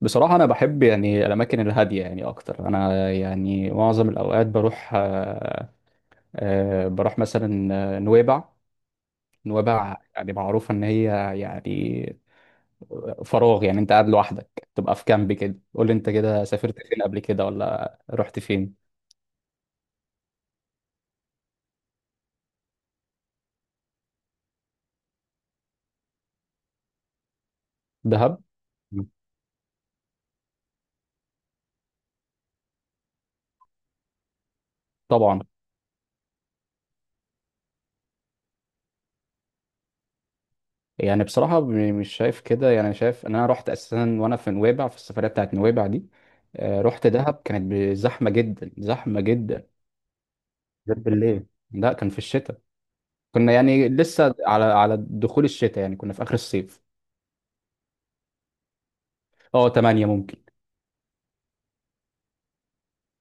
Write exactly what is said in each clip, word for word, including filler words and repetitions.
بصراحة أنا بحب يعني الأماكن الهادية يعني أكتر. أنا يعني معظم الأوقات بروح آه، آه، بروح مثلا آه، نويبع. نويبع يعني معروفة إن هي يعني فراغ، يعني أنت قاعد لوحدك تبقى في كامب كده. قول لي أنت كده سافرت فين قبل كده ولا رحت فين؟ دهب. مم. طبعا. يعني بصراحة م- مش شايف كده، يعني شايف إن أنا رحت أساسا وأنا في نويبع، في السفرية بتاعت نويبع دي آه، رحت دهب. كانت ب- زحمة جدا زحمة جدا غير بالليل. لا، كان في الشتاء، كنا يعني لسه على على دخول الشتاء، يعني كنا في اخر الصيف. اه، تمانية ممكن.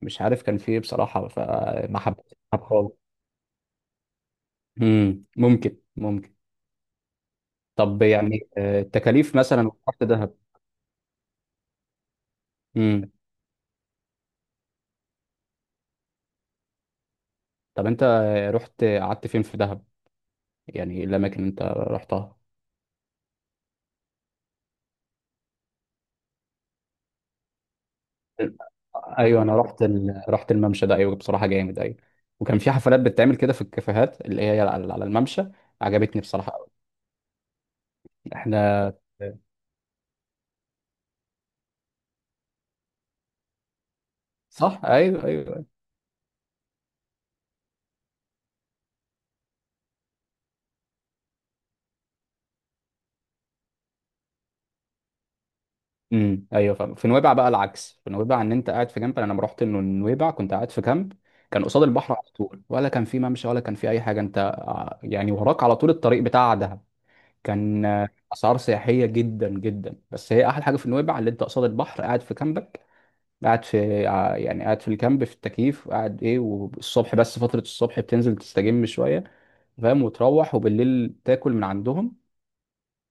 مش عارف كان في ايه بصراحه، فما حبيتش العب خالص. امم ممكن ممكن. طب يعني آه، التكاليف مثلا. رحت دهب. امم. طب انت آه، رحت قعدت فين في دهب؟ يعني إيه الاماكن اللي انت رحتها؟ ايوه، انا رحت ال... رحت الممشى ده، ايوه بصراحه جامد، ايوه. وكان في حفلات بتتعمل كده في الكافيهات اللي هي على على الممشى. عجبتني بصراحه قوي. احنا. صح، ايوه ايوه. امم. ايوه فاهم. في نويبع بقى العكس، في نويبع ان انت قاعد في كامب. انا لما رحت انه نويبع كنت قاعد في كامب، كان قصاد البحر على طول، ولا كان في ممشى، ولا كان في اي حاجه. انت يعني وراك على طول الطريق بتاع دهب. كان آه، اسعار سياحيه جدا جدا، بس هي احلى حاجه في نويبع اللي انت قصاد البحر، قاعد في كامبك، قاعد في ع- يعني قاعد في الكامب في التكييف، قاعد ايه، والصبح، بس فتره الصبح بتنزل تستجم شويه، فاهم، وتروح، وبالليل تاكل من عندهم.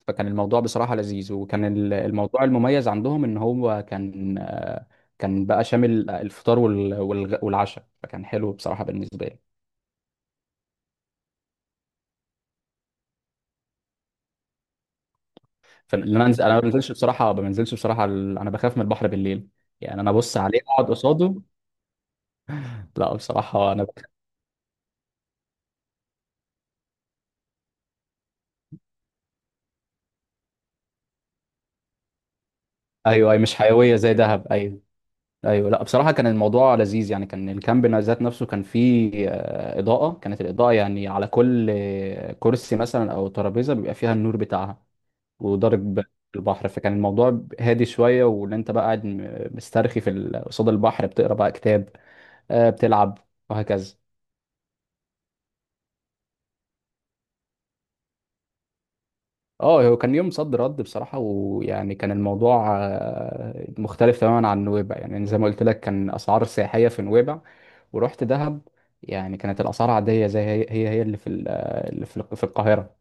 فكان الموضوع بصراحة لذيذ. وكان ال- الموضوع المميز عندهم ان هو كان آه، كان بقى شامل الفطار وال- والغ- والعشاء، فكان حلو بصراحة بالنسبة لي. فان انا انزل، انا ما بنزلش بصراحة، ما بنزلش بصراحة ال- انا بخاف من البحر بالليل. يعني انا ابص عليه اقعد قصاده. لا بصراحة انا بخ- ايوه. اي مش حيوية زي دهب، ايوه ايوه. لا بصراحة كان الموضوع لذيذ. يعني كان الكامب ذات نفسه كان فيه آه، إضاءة، كانت الإضاءة يعني على كل آه، كرسي مثلا او ترابيزة بيبقى فيها النور بتاعها وضارب البحر، فكان الموضوع هادي شوية، وان انت بقى قاعد م- مسترخي في ال- قصاد البحر، بتقرا بقى كتاب، آه، بتلعب، وهكذا. اه هو كان يوم صد رد بصراحة. ويعني كان الموضوع آه، مختلف تماما عن نويبع، يعني زي ما قلت لك كان أسعار سياحية في نويبع، ورحت دهب يعني كانت الأسعار عادية زي هي هي, هي اللي في ال- آه، اللي في ال- في القاهرة.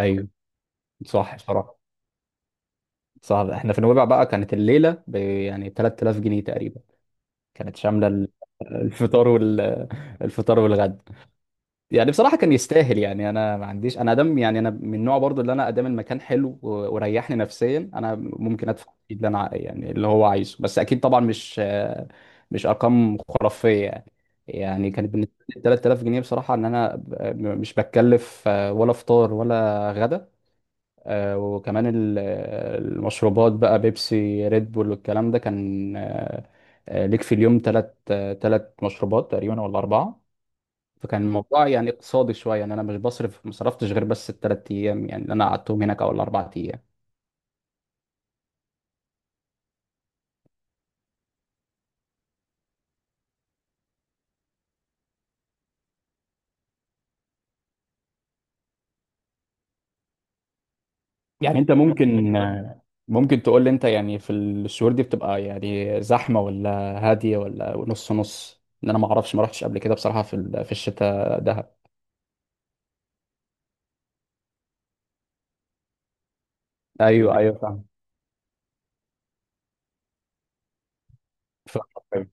ايوه صح بصراحة. صعب. احنا في نويبع بقى كانت الليلة ب يعني تلات آلاف جنيه تقريبا، كانت شاملة الفطار وال الفطار والغدا. يعني بصراحه كان يستاهل. يعني انا ما عنديش، انا ادم، يعني انا من النوع برضو اللي انا ادام المكان حلو و- وريحني نفسيا، انا ممكن ادفع فيه اللي انا ع- يعني اللي هو عايزه، بس اكيد طبعا مش آه، مش ارقام خرافيه يعني. يعني كانت بالنسبه لي تلات آلاف جنيه بصراحه، ان انا ب- مش بتكلف آه، ولا فطار ولا غدا. آه، وكمان ال- المشروبات بقى، بيبسي ريد بول والكلام ده، كان آه، آه، ليك في اليوم ثلاث ثلاث مشروبات تقريبا ولا أربعة. فكان الموضوع يعني اقتصادي شوية، يعني أنا مش بصرف مصرفتش غير بس الثلاث أيام، يعني اللي أنا قعدتهم هناك، أو الأربع أيام. يعني أنت ممكن آه، ممكن تقول لي أنت، يعني في الشهور دي بتبقى يعني زحمة ولا هادية ولا نص نص؟ إن أنا ما أعرفش، ما رحتش قبل كده بصراحة في ال- في الشتاء دهب. أيوه أيوه فاهم. فاهم.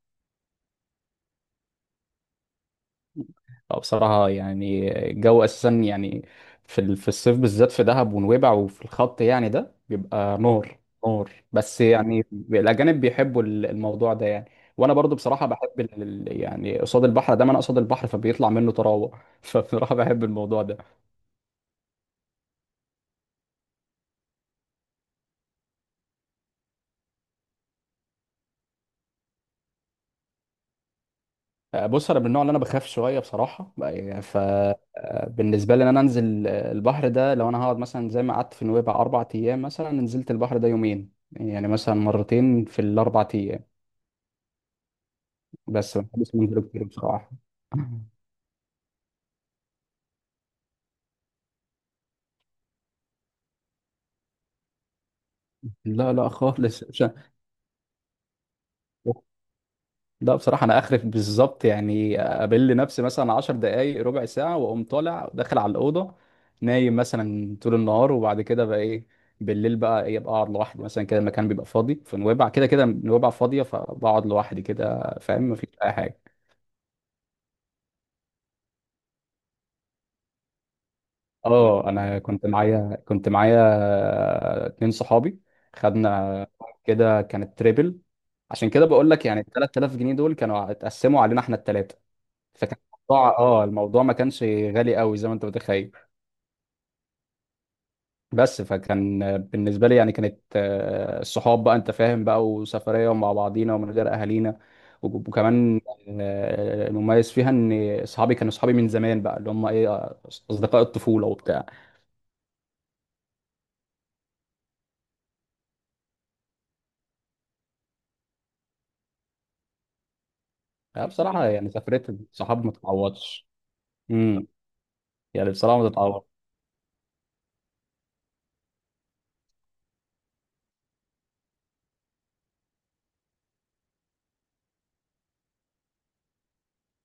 اه بصراحة يعني الجو أساسا يعني في ال- في الصيف بالذات في دهب ونويبع وفي الخط يعني، ده بيبقى نار نار. بس يعني الأجانب بيحبوا ال- الموضوع ده يعني. وأنا برضو بصراحة بحب ال- ال- يعني قصاد البحر ده، ما أنا قصاد البحر فبيطلع منه طراوة فبصراحة بحب الموضوع ده. آه، بص، أنا من النوع اللي أنا بخاف شوية بصراحة. فبالنسبة لي إن أنا أنزل آه، البحر ده، لو أنا هقعد مثلا زي ما قعدت في نويبع أربع أيام مثلا، نزلت البحر ده يومين، يعني مثلا مرتين في الأربع أيام. بس ما بحبش منظره كتير بصراحه. لا لا خالص، مش- لا بصراحه انا اخرف بالظبط. يعني اقابل نفسي مثلا 10 دقائق ربع ساعه، واقوم طالع داخل على الاوضه، نايم مثلا طول النهار. وبعد كده بقى ايه؟ بالليل بقى ايه؟ ابقى اقعد لوحدي مثلا كده، المكان بيبقى فاضي في نويبع، كده كده نويبع فاضيه، فبقعد لوحدي كده، فاهم، مفيش اي حاجه. اه انا كنت معايا كنت معايا اتنين صحابي، خدنا كده، كانت تريبل. عشان كده بقول لك يعني ال تلات آلاف جنيه دول كانوا اتقسموا علينا احنا الثلاثه. فكان الموضوع اه الموضوع ما كانش غالي قوي زي ما انت متخيل. بس فكان بالنسبه لي يعني كانت آه، الصحاب بقى، انت فاهم بقى، وسفريه ومع بعضينا ومن غير اهالينا. وكمان آه، المميز فيها ان صحابي كانوا صحابي من زمان، بقى اللي هم ايه آه، اصدقاء الطفوله وبتاع. لا بصراحة يعني سفرية الصحاب ما تتعوضش. امم. يعني بصراحة ما تتعوضش.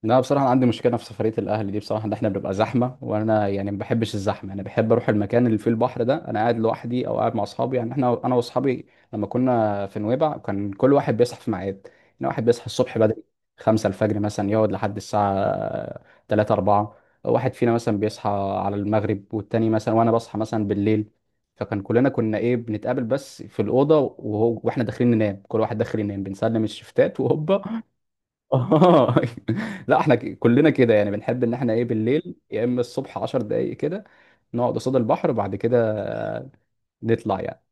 لا بصراحة أنا عندي مشكلة في سفرية الأهل دي، بصراحة إن إحنا بنبقى زحمة وأنا يعني ما بحبش الزحمة. أنا بحب أروح المكان اللي فيه البحر ده أنا قاعد لوحدي، أو قاعد مع أصحابي. يعني إحنا أنا وأصحابي لما كنا في نويبع كان كل واحد بيصحى في ميعاد. يعني واحد بيصحى الصبح بدري، خمسة الفجر مثلا، يقعد لحد الساعة تلاتة أربعة. واحد فينا مثلا بيصحى على المغرب، والتاني مثلا، وأنا بصحى مثلا بالليل. فكان كلنا كنا إيه، بنتقابل بس في الأوضة، وهو وإحنا داخلين ننام، كل واحد داخل ينام بنسلم الشفتات وهوبا. اه لا احنا ك- كلنا كده يعني، بنحب ان احنا ايه بالليل، يا اما الصبح 10 دقايق كده نقعد قصاد البحر، وبعد كده نطلع يعني.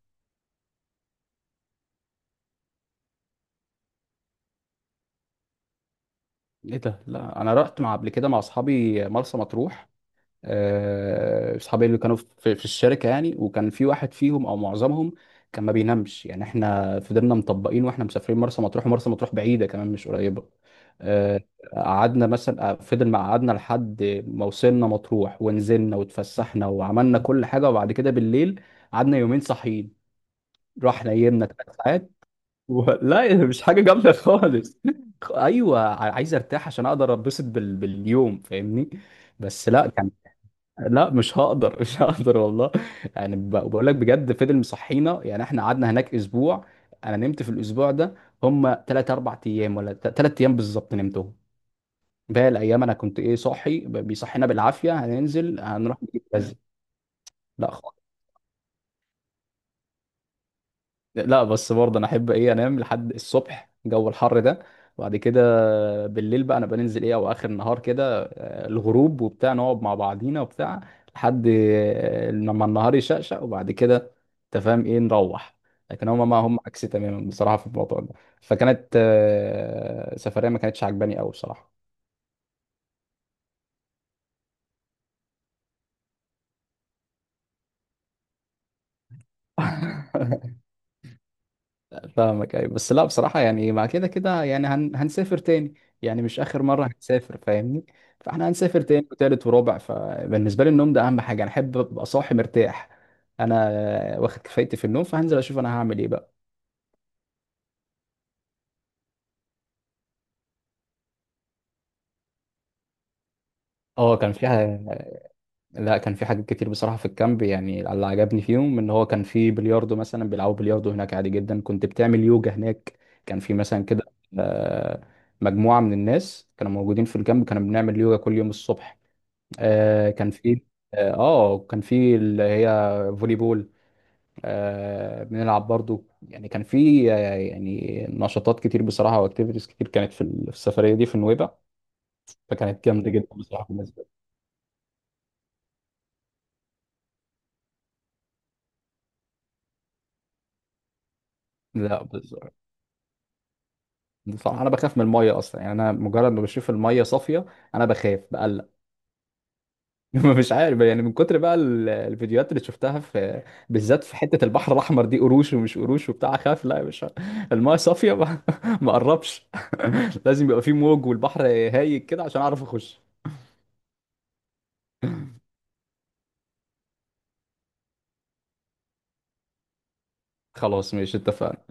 ايه ده. لا انا رحت مع، قبل كده مع اصحابي مرسى مطروح. آه، اصحابي اللي كانوا في في الشركه يعني، وكان في واحد فيهم او معظمهم كان ما بينامش. يعني احنا فضلنا مطبقين واحنا مسافرين مرسى مطروح، ومرسى مطروح بعيده كمان مش قريبه. آه، قعدنا مثلا آه، فضل ما قعدنا لحد ما وصلنا مطروح، ونزلنا واتفسحنا وعملنا كل حاجه، وبعد كده بالليل قعدنا يومين صاحيين، رحنا نيمنا ثلاث ساعات. و... لا مش حاجه جامده خالص. ايوه عايز ارتاح عشان اقدر اتبسط بال... باليوم، فاهمني. بس لا كان. لا مش هقدر مش هقدر والله. يعني ب- بقول لك بجد فضل مصحينا. يعني احنا قعدنا هناك اسبوع، انا نمت في الاسبوع ده هم تلاتة أربعة ايام، ولا تلاتة ايام بالظبط نمتهم. باقي الايام انا كنت ايه، صاحي، ب- بيصحينا بالعافيه، هننزل، هنروح نجيب كذا. لا لا، بس برضه انا احب ايه، انام لحد الصبح جو الحر ده، وبعد كده بالليل بقى انا بننزل ايه، او اخر النهار كده آه، الغروب وبتاع، نقعد مع بعضينا وبتاع لحد آه، لما النهار يشقشق، وبعد كده انت فاهم ايه، نروح. لكن هما ما هم عكسي تماما بصراحة في الموضوع ده. فكانت آه، سفرية ما كانتش عجباني قوي بصراحة. فاهمك، ايوه. بس لا بصراحة يعني مع كده كده يعني هن... هنسافر تاني، يعني مش آخر مرة هنسافر فاهمني. فاحنا هنسافر تاني وتالت ورابع، فبالنسبة لي النوم ده أهم حاجة. أنا أحب أبقى صاحي مرتاح، أنا واخد كفايتي في النوم، فهنزل أشوف أنا هعمل إيه بقى. اه كان في ح- لا كان في حاجات كتير بصراحة في الكامب، يعني اللي عجبني فيهم إن هو كان في بلياردو مثلا، بيلعبوا بلياردو هناك عادي جدا. كنت بتعمل يوجا هناك، كان في مثلا كده آه، مجموعة من الناس كانوا موجودين في الكامب، كانوا بنعمل يوجا كل يوم الصبح. آه كان في اه آه، كان في اللي هي فولي بول، آه بنلعب برضو. يعني كان في آه، يعني نشاطات كتير بصراحة واكتيفيتيز كتير كانت في ال- في السفرية دي في نويبع. فكانت جامدة جدا بصراحة بالنسبة لي. لا بصراحة. بصراحة أنا بخاف من المية أصلا، يعني أنا مجرد ما بشوف المية صافية أنا بخاف بقلق. مش عارف، يعني من كتر بقى ال- الفيديوهات اللي شفتها في بالذات في حتة البحر الأحمر دي، قروش ومش قروش وبتاع، خاف لا يا باشا المايه صافية، ما ما قربش. لازم يبقى في موج والبحر هايج كده عشان أعرف أخش. خلاص ماشي اتفقنا.